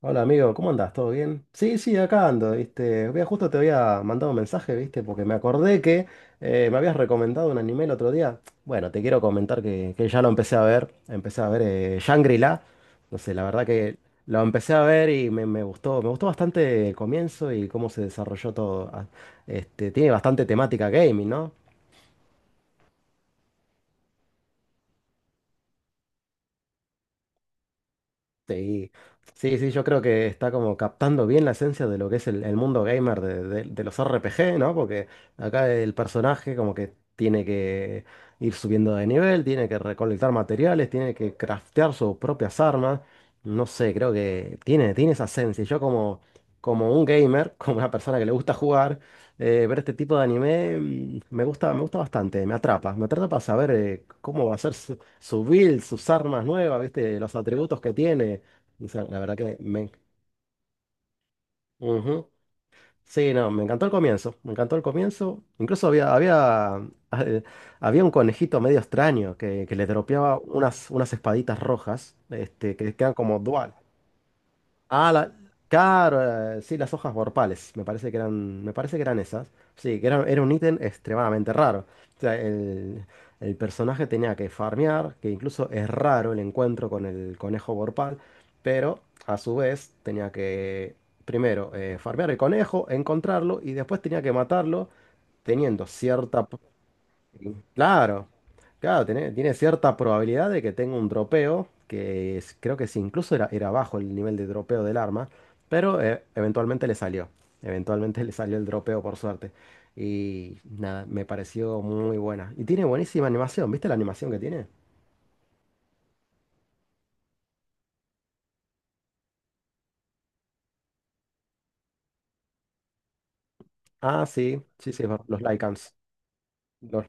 Hola amigo, ¿cómo andas? ¿Todo bien? Sí, sí, acá ando, ¿viste? Vea, justo te había mandado un mensaje, ¿viste? Porque me acordé que me habías recomendado un anime el otro día. Bueno, te quiero comentar que ya lo empecé a ver. Empecé a ver Shangri-La. No sé, la verdad que lo empecé a ver y me gustó. Me gustó bastante el comienzo y cómo se desarrolló todo. Tiene bastante temática gaming, ¿no? Sí, sí, sí, yo creo que está como captando bien la esencia de lo que es el mundo gamer de los RPG, ¿no? Porque acá el personaje como que tiene que ir subiendo de nivel, tiene que recolectar materiales, tiene que craftear sus propias armas. No sé, creo que tiene esa esencia. Yo como, como un gamer, como una persona que le gusta jugar, ver este tipo de anime me gusta bastante, me atrapa. Me atrapa saber cómo va a ser su build, sus armas nuevas, ¿viste? Los atributos que tiene. O sea, la verdad que me... Ujú. Sí, no, me encantó el comienzo, me encantó el comienzo. Incluso había, eh, había un conejito medio extraño que le dropeaba unas espaditas rojas, este, que quedan como dual. Ah, la, claro, sí, las hojas borpales, me parece que eran esas. Sí, era un ítem extremadamente raro. O sea, el personaje tenía que farmear, que incluso es raro el encuentro con el conejo borpal, pero a su vez tenía que primero farmear el conejo, encontrarlo y después tenía que matarlo teniendo cierta, Claro, claro, tiene cierta probabilidad de que tenga un dropeo, creo que sí, incluso era bajo el nivel de dropeo del arma, pero eventualmente le salió, eventualmente le salió el dropeo por suerte. Y nada, me pareció muy buena. Y tiene buenísima animación, ¿viste la animación que tiene? Ah, sí, sí, sí, es verdad, los Lycans, los-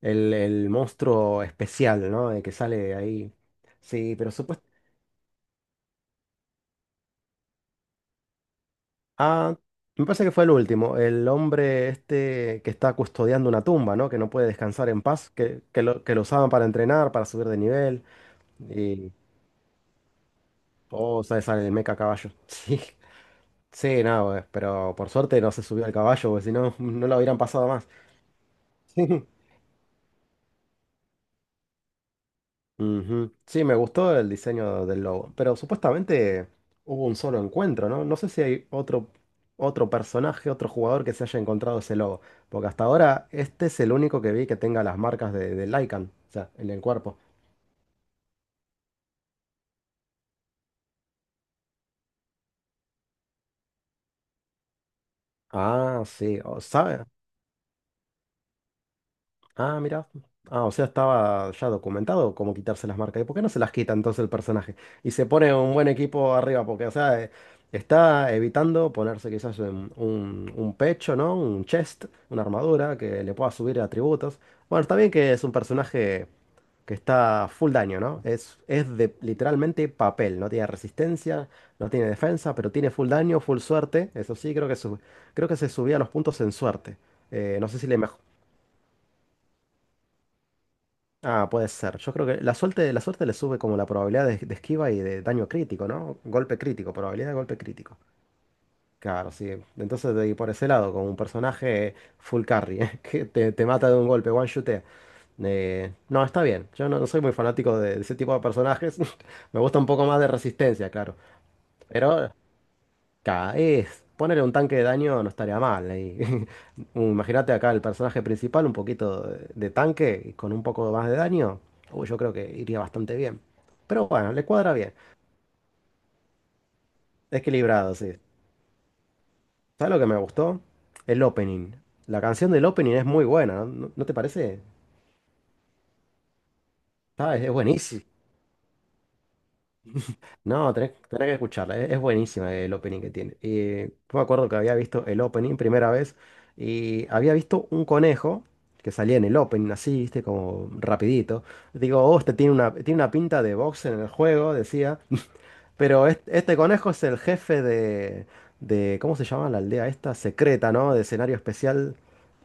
el monstruo especial, ¿no? El que sale ahí. Sí, pero supuestamente... Ah, me parece que fue el último. El hombre este que está custodiando una tumba, ¿no? Que no puede descansar en paz, que lo usaban para entrenar, para subir de nivel. Y. Oh, sale, sale el meca caballo. Sí. Sí, no, pero por suerte no se subió al caballo, porque si no, no lo hubieran pasado más. Ujú. Sí, me gustó el diseño del logo, pero supuestamente hubo un solo encuentro, ¿no? No sé si hay otro, otro personaje, otro jugador que se haya encontrado ese logo, porque hasta ahora este es el único que vi que tenga las marcas del Lycan, o sea, en el cuerpo. Ah, sí, ¿sabe? Ah, mira. Ah, o sea, estaba ya documentado cómo quitarse las marcas. ¿Y por qué no se las quita entonces el personaje? Y se pone un buen equipo arriba, porque, o sea, está evitando ponerse quizás un pecho, ¿no? Un chest, una armadura que le pueda subir atributos. Bueno, está bien que es un personaje que está full daño, ¿no? Es de literalmente papel. No tiene resistencia, no tiene defensa, pero tiene full daño, full suerte. Eso sí, creo que se subía los puntos en suerte. No sé si le, mej- Ah, puede ser. Yo creo que la suerte le sube como la probabilidad de esquiva y de daño crítico, ¿no? Golpe crítico, probabilidad de golpe crítico. Claro, sí. Entonces, y por ese lado, con un personaje full carry, que te mata de un golpe, one shotea. No, está bien. Yo no soy muy fanático de ese tipo de personajes. Me gusta un poco más de resistencia, claro. Pero Es ponerle un tanque de daño no estaría mal. Ahí. Imagínate acá el personaje principal, un poquito de tanque y con un poco más de daño. Uy, yo creo que iría bastante bien. Pero bueno, le cuadra bien. Equilibrado, sí. ¿Sabes lo que me gustó? El opening. La canción del opening es muy buena, ¿no? ¿No te parece? Ah, es buenísima. No, tenés que escucharla, es buenísima el opening que tiene. Y yo me acuerdo que había visto el opening primera vez y había visto un conejo que salía en el opening así, viste, como rapidito. Digo, oh, este tiene tiene una pinta de boxer en el juego, decía. Pero conejo es el jefe de, ¿cómo se llama la aldea esta? Secreta, ¿no? De escenario especial.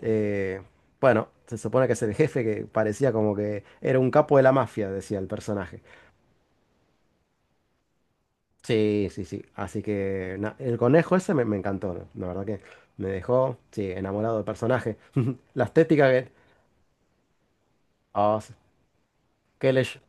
Eh, bueno, se supone que es el jefe que parecía como que era un capo de la mafia, decía el personaje. Sí, sí, sí. Así que el conejo ese me encantó, ¿no? La verdad que me dejó, sí, enamorado del personaje. La estética que... ah, sí. qué Oh,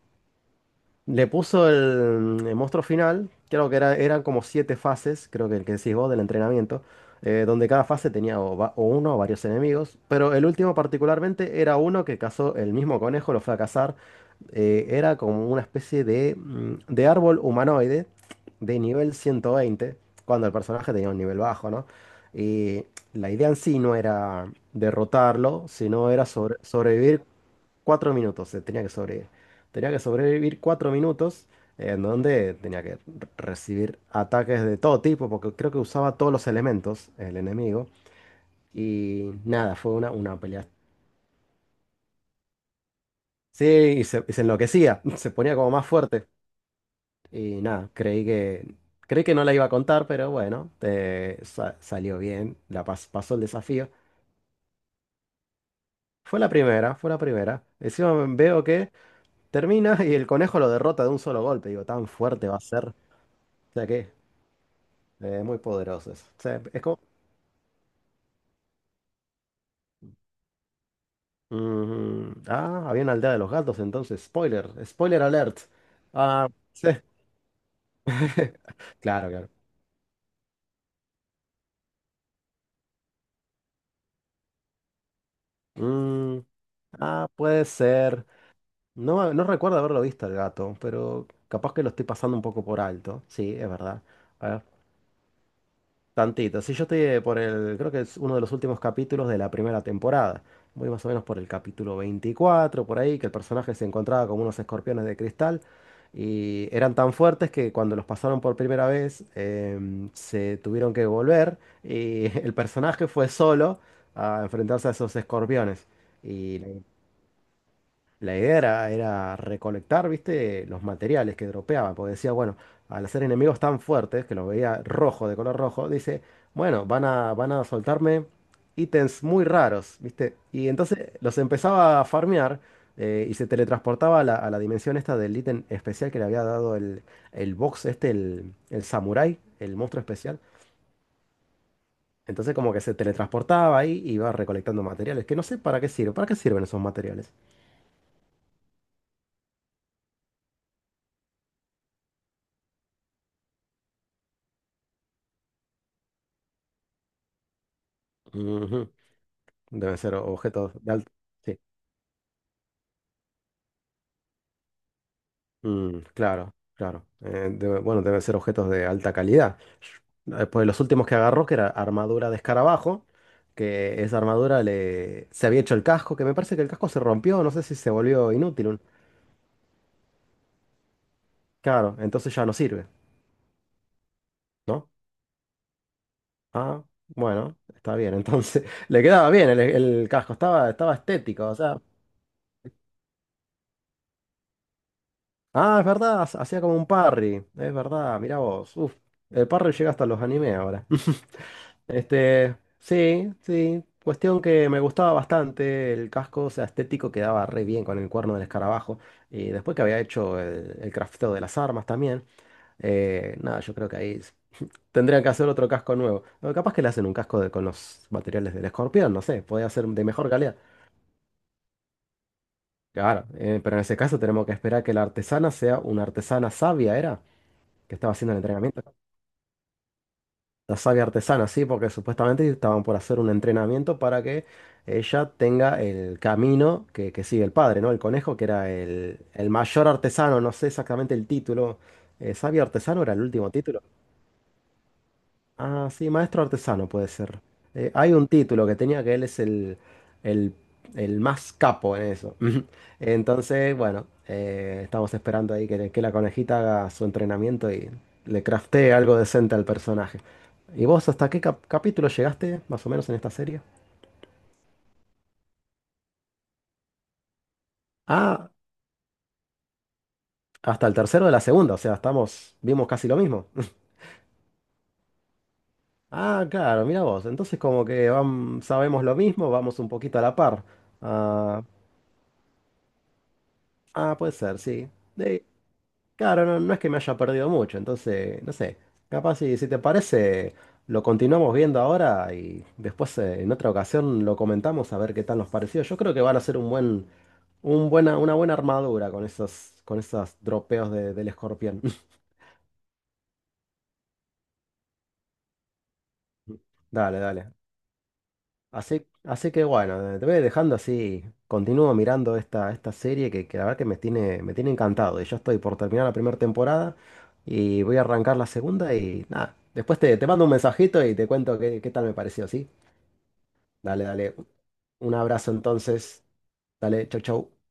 Le puso el monstruo final, creo que era, eran como siete fases, creo que el que decís vos del entrenamiento, donde cada fase tenía o uno o varios enemigos, pero el último particularmente era uno que cazó el mismo conejo, lo fue a cazar, era como una especie de, de árbol humanoide de nivel 120, cuando el personaje tenía un nivel bajo, ¿no? Y la idea en sí no era derrotarlo, sino era sobrevivir 4 minutos, tenía que sobrevivir. Tenía que sobrevivir 4 minutos en donde tenía que recibir ataques de todo tipo, porque creo que usaba todos los elementos el enemigo. Y nada, fue una pelea. Sí, y se enloquecía, se ponía como más fuerte. Y nada, creí que no la iba a contar, pero bueno, salió bien, pasó el desafío. Fue la primera, fue la primera. Encima veo que termina y el conejo lo derrota de un solo golpe. Digo, tan fuerte va a ser. O sea que muy poderoso eso. O sea, es como... Mm, ah, había una aldea de los gatos entonces. Spoiler, spoiler alert. Ah, sí. Claro, claro. Mm, ah, puede ser. No, no recuerdo haberlo visto el gato, pero capaz que lo estoy pasando un poco por alto. Sí, es verdad. Tantito. Sí, yo estoy creo que es uno de los últimos capítulos de la primera temporada. Voy más o menos por el capítulo 24 por ahí, que el personaje se encontraba como unos escorpiones de cristal y eran tan fuertes que cuando los pasaron por primera vez se tuvieron que volver y el personaje fue solo a enfrentarse a esos escorpiones. Y la idea era, era recolectar, viste, los materiales que dropeaba, porque decía, bueno, al hacer enemigos tan fuertes, que los veía rojo, de color rojo, dice, bueno, van a soltarme ítems muy raros, viste. Y entonces los empezaba a farmear y se teletransportaba a a la dimensión esta del ítem especial que le había dado el box este, el samurái, el monstruo especial. Entonces como que se teletransportaba ahí y iba recolectando materiales, que no sé para qué sirve, para qué sirven esos materiales. Ujú. Deben ser objetos de alta. Sí, mm, claro, claro. Bueno, deben ser objetos de alta calidad. Después, los últimos que agarró, que era armadura de escarabajo, que esa armadura le... se había hecho el casco, que me parece que el casco se rompió, no sé si se volvió inútil. Claro, entonces ya no sirve, ¿no? Ah, bueno, está bien. Entonces, le quedaba bien el casco, estaba estético, o sea. Ah, es verdad, hacía como un parry, es verdad, mirá vos. Uf, el parry llega hasta los animes ahora. Este, sí, sí. Cuestión que me gustaba bastante el casco, o sea, estético quedaba re bien con el cuerno del escarabajo. Y después que había hecho el crafteo de las armas también, nada, yo creo que tendrían que hacer otro casco nuevo. O capaz que le hacen un casco con los materiales del escorpión, no sé, podría ser de mejor calidad. Claro, pero en ese caso tenemos que esperar que la artesana sea una artesana sabia, ¿era? Que estaba haciendo el entrenamiento. La savia artesana, sí, porque supuestamente estaban por hacer un entrenamiento para que ella tenga el camino que sigue el padre, ¿no? El conejo, que era el mayor artesano, no sé exactamente el título. ¿Sabio artesano era el último título? Ah, sí, maestro artesano puede ser. Hay un título que tenía que él es el- el más capo en eso. Entonces, bueno, estamos esperando ahí que la conejita haga su entrenamiento y le craftee algo decente al personaje. ¿Y vos hasta qué capítulo llegaste, más o menos, en esta serie? Ah, hasta el tercero de la segunda, o sea, estamos, vimos casi lo mismo. Ah, claro, mira vos. Entonces como que sabemos lo mismo, vamos un poquito a la par. Ah, ah, puede ser, sí. Claro, no, no es que me haya perdido mucho, entonces, no sé, capaz si te parece, lo continuamos viendo ahora y después en otra ocasión lo comentamos a ver qué tal nos pareció. Yo creo que van a ser un buen, un buena, una buena armadura con esos dropeos del escorpión. Dale, dale. Así que bueno, te voy dejando así. Continúo mirando esta, esta serie que la verdad que me tiene encantado. Y yo estoy por terminar la primera temporada y voy a arrancar la segunda y nada. Después te mando un mensajito y te cuento qué tal me pareció, ¿sí? Dale, dale. Un abrazo entonces. Dale, chau, chau.